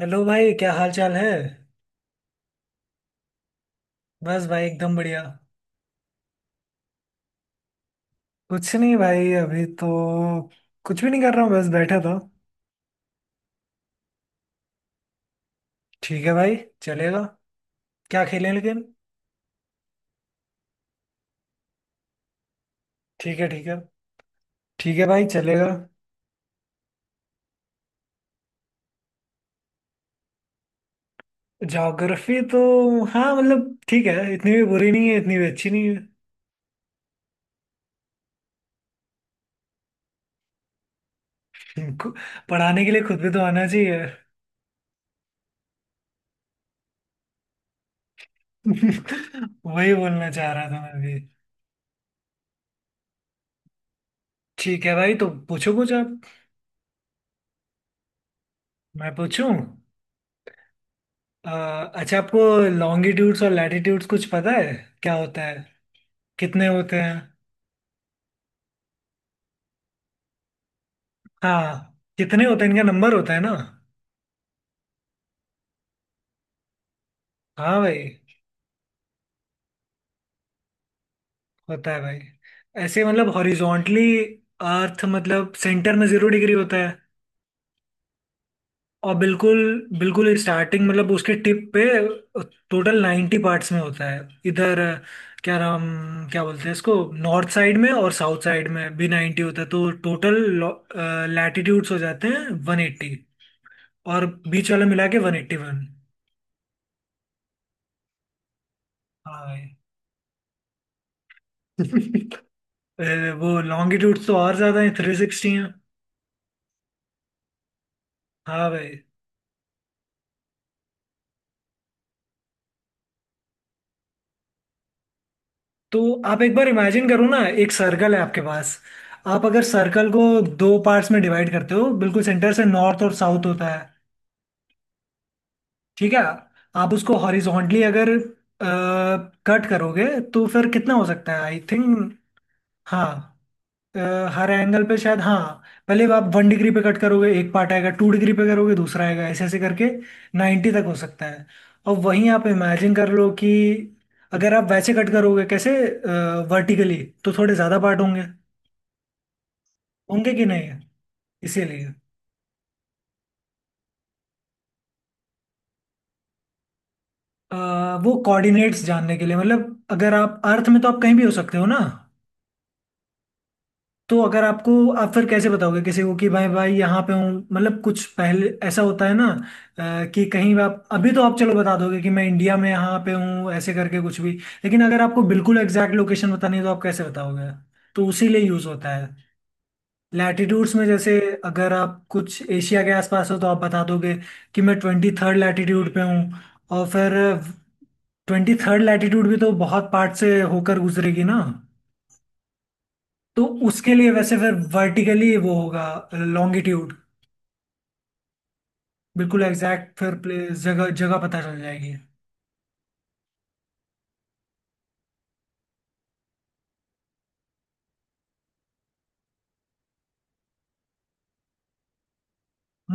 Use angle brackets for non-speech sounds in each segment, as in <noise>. Hello भाई, क्या हाल चाल है। बस भाई, एकदम बढ़िया। कुछ नहीं भाई, अभी तो कुछ भी नहीं कर रहा हूँ, बस बैठा था। ठीक है भाई, चलेगा। क्या खेलें लेकिन। ठीक है, ठीक है। ठीक है भाई, चलेगा। ज्योग्राफी तो, हाँ मतलब ठीक है, इतनी भी बुरी नहीं है, इतनी भी अच्छी नहीं है। <laughs> को- पढ़ाने के लिए खुद भी तो आना चाहिए। <laughs> वही बोलना चाह रहा था मैं भी। ठीक है भाई, तो पूछो कुछ आप। मैं पूछूं। अ, अच्छा आपको लॉन्गिट्यूड्स और लैटिट्यूड्स कुछ पता है? क्या होता है? कितने होते हैं? हाँ, कितने होते हैं, इनका नंबर होता है ना। हाँ भाई। होता है भाई। ऐसे मतलब हॉरिजॉन्टली, अर्थ मतलब सेंटर में 0 डिग्री होता है। और बिल्कुल बिल्कुल स्टार्टिंग मतलब उसके टिप पे टोटल 90 पार्ट्स में होता है। इधर क्या नाम, क्या बोलते हैं इसको। नॉर्थ साइड में और साउथ साइड में भी 90 होता है, तो टोटल लैटिट्यूड्स हो जाते हैं 180, और बीच वाला मिला के 181। हाँ भाई। <laughs> अरे, वो लॉन्गिट्यूड तो और ज्यादा है, 360 है। हाँ भाई। तो आप एक बार इमेजिन करो ना, एक सर्कल है आपके पास। आप अगर सर्कल को दो पार्ट्स में डिवाइड करते हो बिल्कुल सेंटर से, नॉर्थ और साउथ होता है। ठीक है। आप उसको हॉरिजॉन्टली अगर कट करोगे तो फिर कितना हो सकता है, आई थिंक। हाँ। अ, हर एंगल पे शायद, हाँ। पहले आप 1 डिग्री पे कट करोगे, एक पार्ट आएगा, 2 डिग्री पे करोगे दूसरा आएगा, ऐसे ऐसे करके 90 तक हो सकता है। और वहीं आप इमेजिन कर लो कि अगर आप वैसे कट करोगे, कैसे, वर्टिकली, तो थोड़े ज़्यादा पार्ट होंगे। होंगे कि नहीं। इसीलिए अ, वो कोऑर्डिनेट्स जानने के लिए, मतलब अगर आप अर्थ में तो आप कहीं भी हो सकते हो ना। तो अगर आपको, आप फिर कैसे बताओगे किसी को कि भाई भाई यहाँ पे हूँ, मतलब कुछ पहले ऐसा होता है ना। कि कहीं आप अभी तो आप चलो बता दोगे कि मैं इंडिया में यहाँ पे हूँ, ऐसे करके कुछ भी। लेकिन अगर आपको बिल्कुल एग्जैक्ट लोकेशन बतानी है तो आप कैसे बताओगे। तो उसी लिए यूज होता है। लैटिट्यूड्स में जैसे अगर आप कुछ एशिया के आसपास हो तो आप बता दोगे कि मैं 23वीं लैटिट्यूड पे हूँ। और फिर 23वीं लैटिट्यूड भी तो बहुत पार्ट से होकर गुजरेगी ना। तो उसके लिए वैसे फिर वर्टिकली वो होगा लॉन्गिट्यूड। बिल्कुल एग्जैक्ट फिर प्लेस जगह जगह पता चल जाएगी।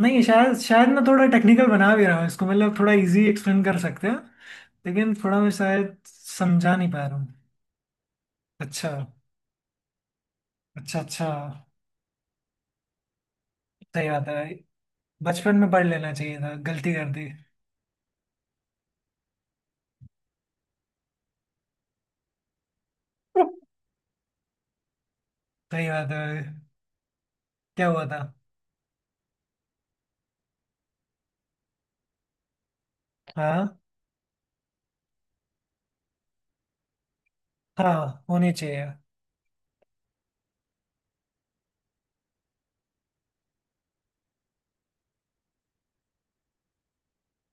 नहीं, शायद शायद मैं थोड़ा टेक्निकल बना भी रहा हूँ इसको, मतलब थोड़ा इजी एक्सप्लेन कर सकते हैं। लेकिन थोड़ा मैं शायद समझा नहीं पा रहा हूँ। अच्छा अच्छा अच्छा। सही बात है भाई, बचपन में पढ़ लेना चाहिए था, गलती कर दी। सही बात है भाई, क्या हुआ था। हाँ हाँ, होनी चाहिए।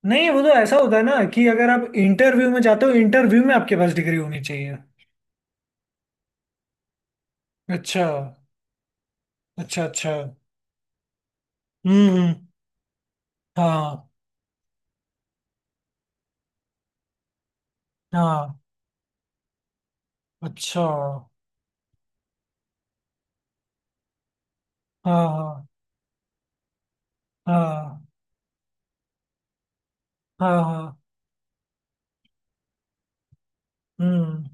नहीं, वो तो ऐसा होता है ना कि अगर आप इंटरव्यू में जाते हो, इंटरव्यू में आपके पास डिग्री होनी चाहिए। अच्छा। अच्छा अच्छा। हम्म। हाँ हाँ। अच्छा। हाँ हाँ। हाँ हाँ। हाँ। हम्म।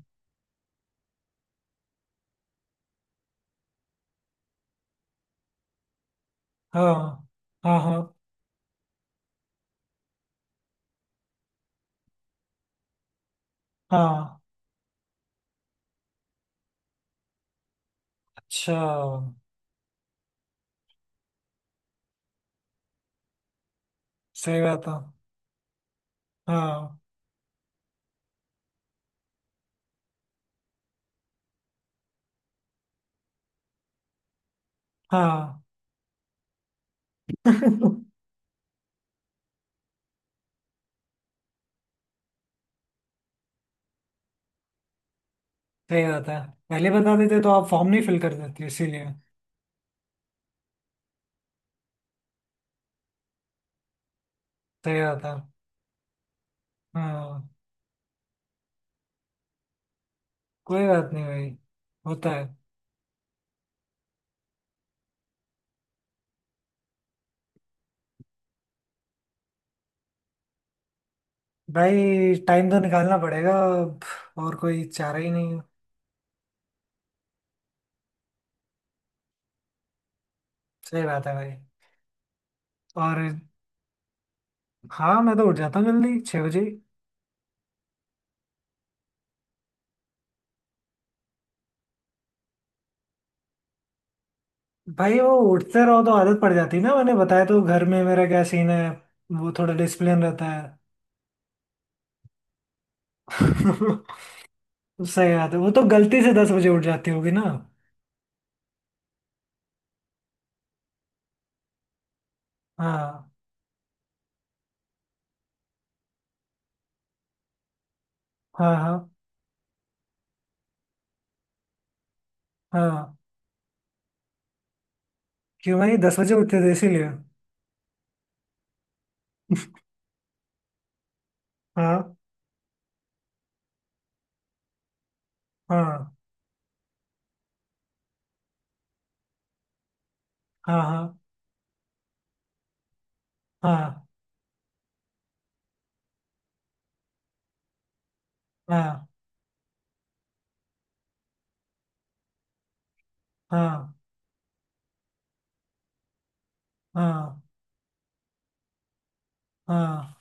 हाँ हाँ। हाँ हाँ। अच्छा। सही बात है। हाँ हाँ। <laughs> सही बात है, पहले बता देते तो आप फॉर्म नहीं फिल कर देते इसीलिए। सही बात है। हाँ। कोई बात नहीं भाई, होता है। भाई टाइम तो निकालना पड़ेगा अब, और कोई चारा ही नहीं है। सही बात है भाई। और हाँ, मैं तो उठ जाता हूँ जल्दी 6 बजे। भाई वो उठते रहो तो आदत पड़ जाती है ना, मैंने बताया तो घर में मेरा क्या सीन है, वो थोड़ा डिसिप्लिन रहता है। <laughs> सही बात है, वो तो गलती से 10 बजे उठ जाती होगी ना। हाँ हाँ। हाँ हाँ। क्यों भाई 10 बजे उठते थे इसीलिए। हाँ हाँ। हाँ हाँ। हाँ हाँ। हाँ हाँ। हाँ।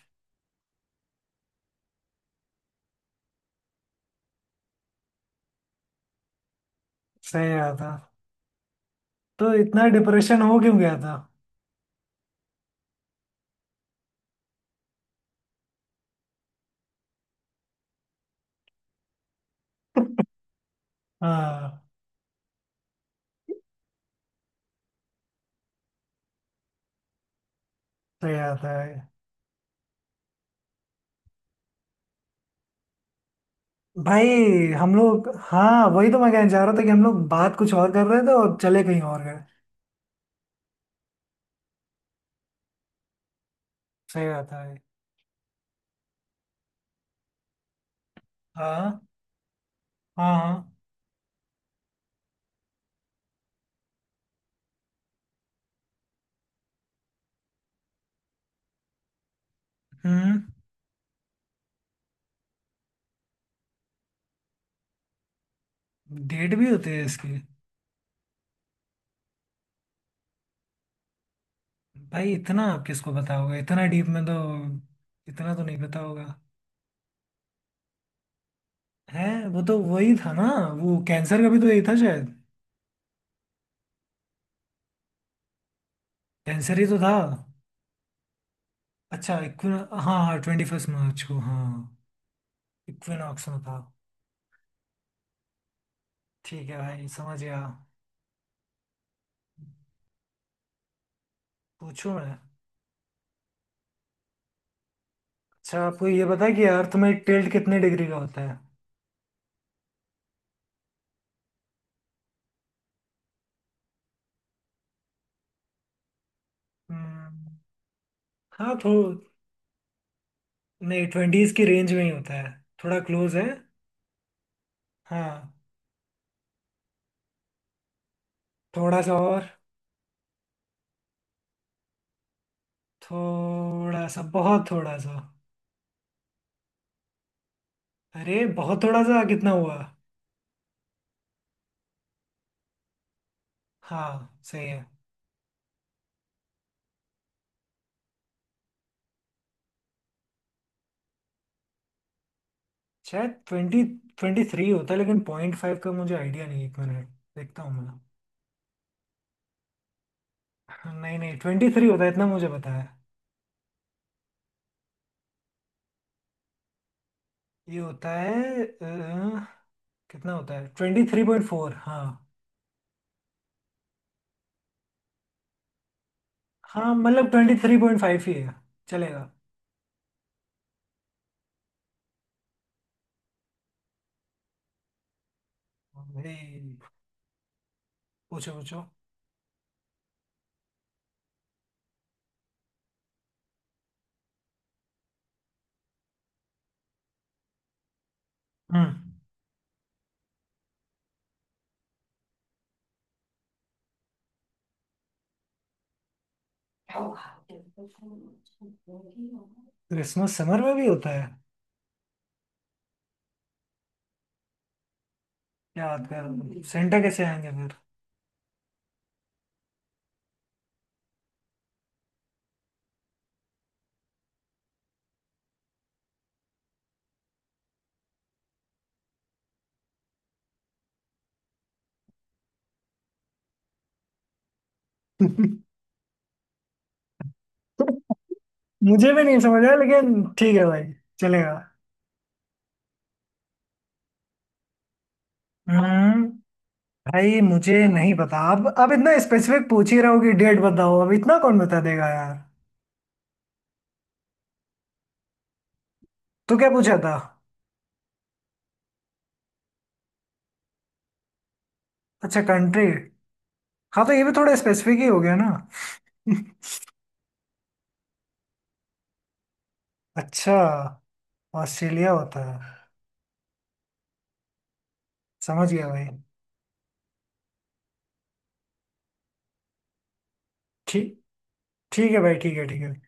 सही बात है। तो इतना डिप्रेशन हो क्यों गया था। हाँ। सही बात है भाई। हम लोग, हाँ वही तो मैं कहना चाह रहा था कि हम लोग बात कुछ और कर रहे थे और चले कहीं और गए। सही बात है भाई। हाँ हाँ। हाँ। हम्म। डेट भी होती है इसकी? भाई इतना आप किसको बताओगे इतना डीप में तो, इतना तो नहीं पता होगा। है, वो तो वही था ना, वो कैंसर का भी तो यही था शायद। कैंसर ही तो था। अच्छा इक्विन, हाँ हाँ 21 मार्च को, हाँ। इक्विनॉक्स में था। ठीक है भाई, समझ गया। पूछो मैं। अच्छा आपको ये पता है कि अर्थ में टिल्ट कितने डिग्री का होता है? हम्म। हाँ तो नहीं, ट्वेंटीज की रेंज में ही होता है, थोड़ा क्लोज है। हाँ। थोड़ा सा और। थोड़ा सा, बहुत थोड़ा सा। अरे बहुत थोड़ा सा, कितना हुआ। हाँ सही है। शायद 20, 23 होता है, लेकिन पॉइंट फाइव का मुझे आइडिया नहीं है, 1 मिनट देखता हूँ। मैं, नहीं नहीं 23 होता है, इतना मुझे पता है। ये होता है कितना होता है, 23.4, हाँ। हाँ मतलब 23.5 ही है, चलेगा। अरे, पूछो पूछो। हम्म। क्रिसमस समर में भी होता है? क्या बात कर रहे हो? सेंटा कैसे आएंगे फिर। मुझे भी नहीं समझ आया, लेकिन ठीक है भाई, चलेगा। हम्म। भाई मुझे नहीं पता, अब इतना स्पेसिफिक पूछ ही रहे हो कि डेट बताओ, अब इतना कौन बता देगा यार। तो क्या पूछा था? अच्छा कंट्री। हाँ तो ये भी थोड़ा स्पेसिफिक ही हो गया ना। <laughs> अच्छा, ऑस्ट्रेलिया होता है। समझ गया भाई। ठीक, ठीक है भाई, ठीक है ठीक है।